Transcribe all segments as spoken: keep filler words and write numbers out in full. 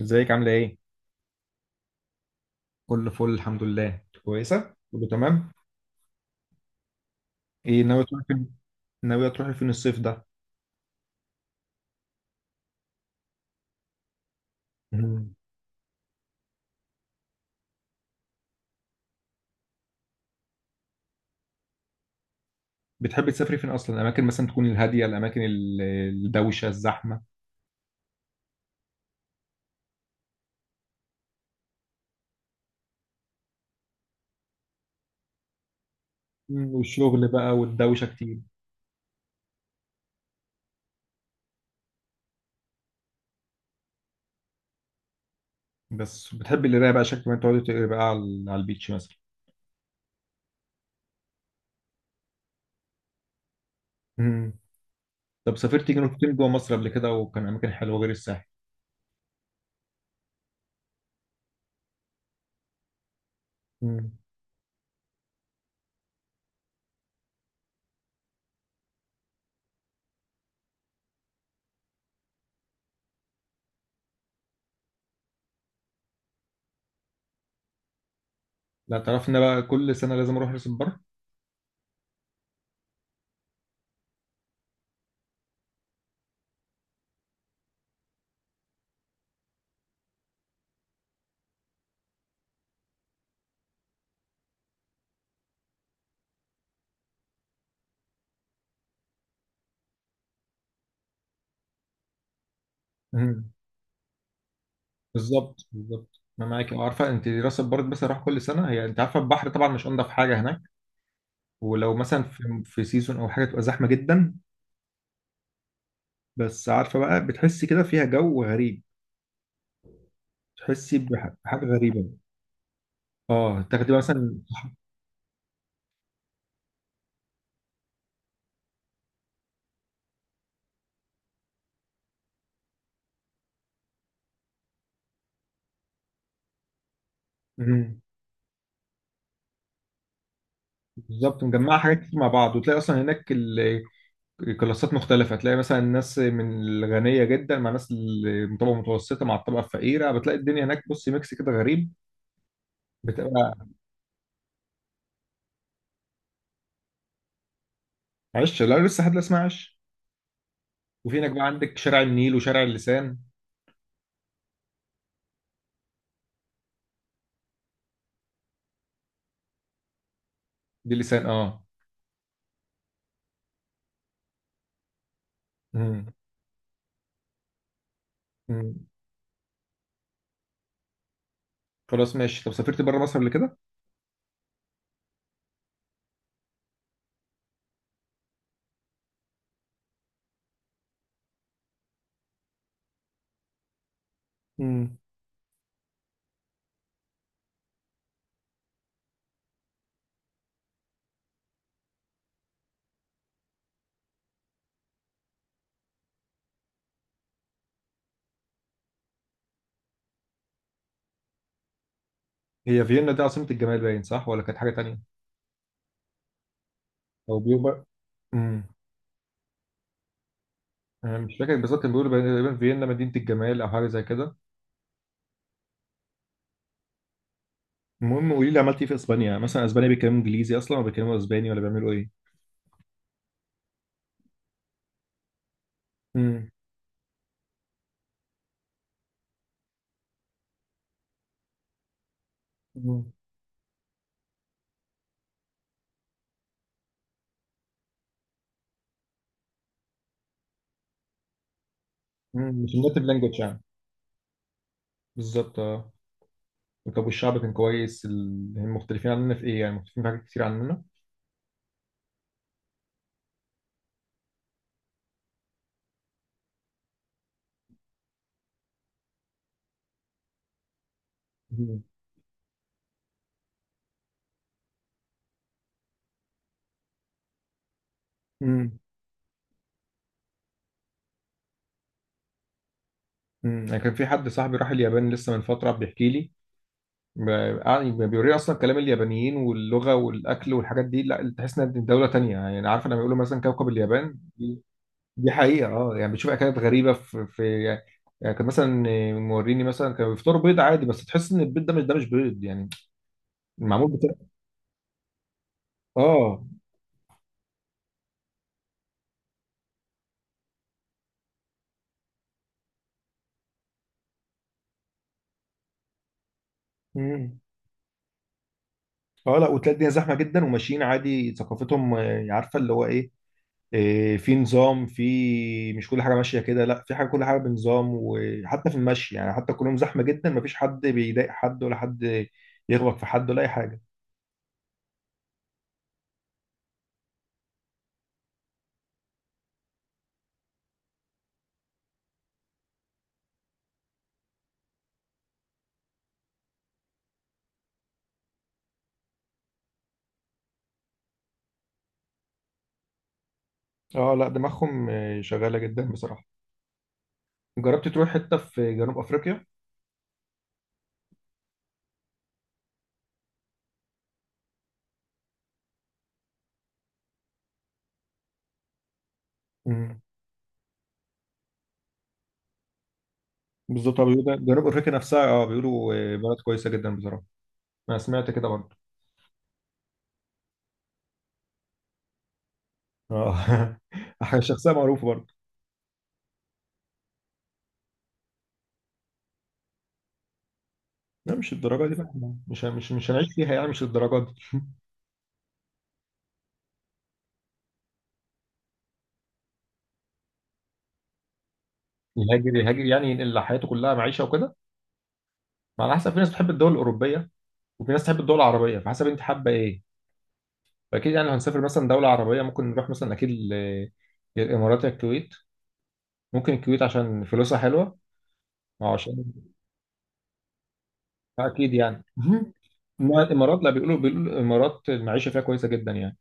ازيك عاملة ايه؟ كله فل الحمد لله كويسة؟ كله تمام؟ ايه ناوية تروحي فين؟ ناوية تروحي فين الصيف ده؟ مم. بتحبي تسافري فين أصلا؟ الأماكن مثلا تكون الهادية، الأماكن ال- الدوشة، الزحمة. مم، والشغل بقى والدوشة كتير. بس بتحبي القراية بقى، شكل ما تقعدي تقري بقى على على البيتش مثلا. مم. طب سافرتي جنوب فين جوه مصر قبل كده، وكان أماكن حلوة غير الساحل؟ مم. لا تعرفي إن أنا بقى كل سنة لازم أروح راس البر؟ مم. بالظبط بالظبط، انا معاك، عارفه انت راس البر بس اروح كل سنه. هي انت عارفه البحر طبعا مش انضف حاجه هناك، ولو مثلا في في سيزون او حاجه تبقى زحمه جدا. بس عارفه بقى، بتحسي كده فيها جو غريب، تحسي بح- بحاجه غريبه. اه تاخدي مثلا. مم. بالظبط، مجمعه حاجات كتير مع بعض، وتلاقي اصلا هناك ال- الكلاسات مختلفه. تلاقي مثلا الناس من الغنيه جدا مع ناس من الطبقه المتوسطه مع الطبقه الفقيره، بتلاقي الدنيا هناك بصي ميكس كده غريب. بتبقى عش. لا لسه حد، لا اسمها عش. وفي هناك بقى عندك شارع النيل وشارع اللسان. دي لسان اه. مم. مم. خلاص ماشي. طب سافرت بره مصر قبل كده؟ مم. هي فيينا دي عاصمة الجمال باين صح، ولا كانت حاجة تانية؟ أو بيوبا. امم أنا مش فاكر بالظبط، كان بيقولوا تقريبا فيينا مدينة الجمال أو حاجة زي كده. المهم قولي لي، عملت إيه في إسبانيا؟ مثلا إسبانيا بيتكلموا إنجليزي أصلا، ولا بيتكلموا إسباني، ولا بيعملوا إيه؟ امم. امم. أمم. مش الناتيف لانجوج يعني. بالظبط اه. طب والشعب كان كويس؟ ال- هم مختلفين عننا في إيه يعني؟ مختلفين في حاجات كتير عننا؟ امم. أمم. امم أنا كان في حد صاحبي راح اليابان لسه من فترة بيحكي لي. ب- يعني بيوريه أصلا كلام اليابانيين واللغة والأكل والحاجات دي، لا تحس إنها دولة تانية. يعني عارف لما بيقولوا مثلا كوكب اليابان دي، دي حقيقة. أه يعني بتشوف أكلات غريبة في في يعني. كان مثلا موريني مثلا كانوا بيفطروا بيض عادي، بس تحس إن البيض ده مش ده مش بيض يعني، معمول بتاع. أه. امم. أه لا، وتلاقي الدنيا زحمة جدا، وماشيين عادي، ثقافتهم آه، عارفة اللي هو إيه. إيه، في نظام، في مش كل حاجه ماشيه كده، لا في حاجه كل حاجه بنظام، وحتى في المشي، يعني حتى كلهم زحمه جدا، مفيش حد بيضايق حد، ولا حد يغلط في حد ولا اي حاجه. اه لا، دماغهم آه، شغاله جدا بصراحه. جربت تروح حته في جنوب افريقيا؟ امم. بالظبط آه، بيقولوا ده- جنوب افريقيا نفسها. اه بيقولوا آه، بلد كويسه جدا بصراحه. انا سمعت كده برضه. اه حاجة شخصيه معروفه برضه. لا، مش الدرجه دي بقى. مش مش مش هنعيش فيها يعني، مش الدرجه دي. يهاجر يهاجر يعني ينقل حياته كلها، معيشه وكده. ما على حسب، في ناس بتحب الدول الاوروبيه، وفي ناس تحب الدول العربيه، فحسب انت حابه ايه. فاكيد يعني لو هنسافر مثلا دوله عربيه ممكن نروح مثلا اكيد ل- يا الامارات يا الكويت. ممكن الكويت عشان فلوسها حلوه، وعشان اكيد يعني مهم. إنما الامارات، لا بيقولوا بيقولوا الامارات المعيشه فيها كويسه جدا يعني.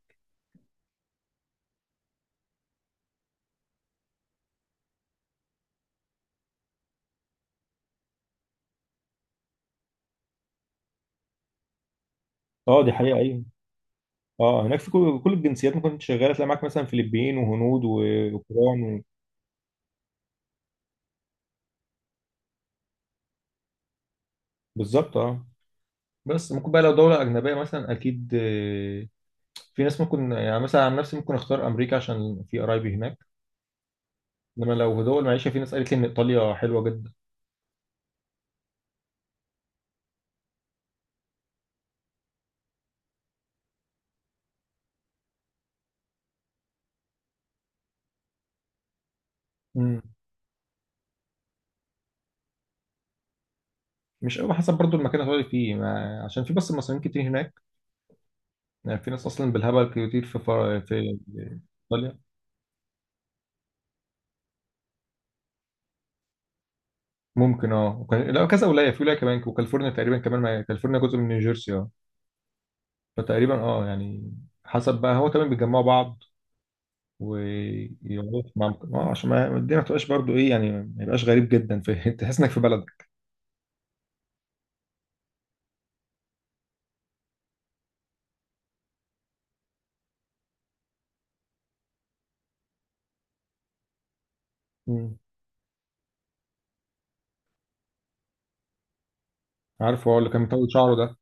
اه دي حقيقة، أيوة. اه هناك في كل كل الجنسيات، ممكن كنت شغالة تلاقي معاك مثلا فلبين وهنود و- وأوكران و... بالظبط اه. بس ممكن بقى لو دولة أجنبية مثلا، أكيد آه، في ناس ممكن، يعني مثلا عن نفسي ممكن أختار أمريكا عشان في قرايبي هناك. انما لو دول معيشه، في ناس قالت لي ان ايطاليا حلوه جدا. امم. مش قوي، حسب برضو المكان اللي هتقعد فيه ما... عشان في بس مصريين كتير هناك. يعني في ناس اصلا بالهبل كتير في فر... في ايطاليا. ممكن اه. وكان... لا كذا ولايه، في ولايه كمان، وكاليفورنيا تقريبا كمان ما... كاليفورنيا جزء من نيوجيرسي اه. فتقريبا اه يعني، حسب بقى، هو كمان بيجمعوا بعض ويقعدوا مع. اه عشان ما الدنيا ما تبقاش برضو ايه يعني، ما يبقاش غريب جدا في تحس انك في بلدك. امم. عارف، هو اللي كان مطول شعره ده.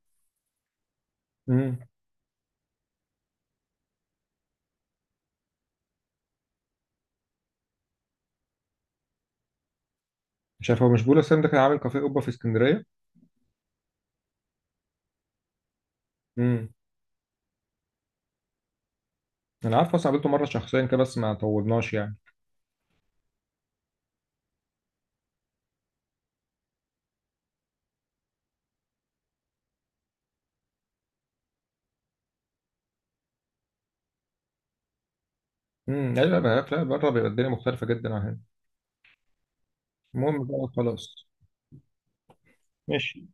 امم. مش عارف، هو مش بيقول السنة ده كان عامل كافيه اوبا في اسكندريه؟ امم. انا عارف، بس قابلته مره شخصيا كده بس ما طولناش يعني. امم. لا، لا. لا بره بيبقى الدنيا مختلفه جدا عن هنا. المهم بقى خلاص. ماشي.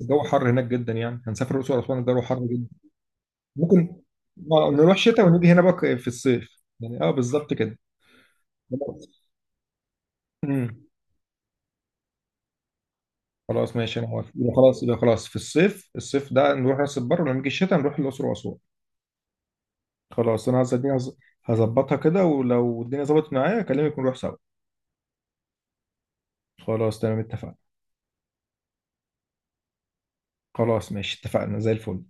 الجو حر هناك جدا يعني، هنسافر الاقصر واسوان الجو حر جدا. ممكن آه، نروح شتاء ونيجي هنا بقى في الصيف يعني، اه بالظبط كده. خلاص. امم. خلاص ماشي انا موافق، يبقى خلاص، يبقى خلاص في الصيف، الصيف ده نروح راس البر، ولما نيجي الشتاء نروح الاقصر واسوان. خلاص، انا هظبط- هظ- هظبطها كده، ولو الدنيا ظبطت معايا اكلمك ونروح سوا. خلاص تمام اتفقنا. خلاص ماشي اتفقنا زي الفل.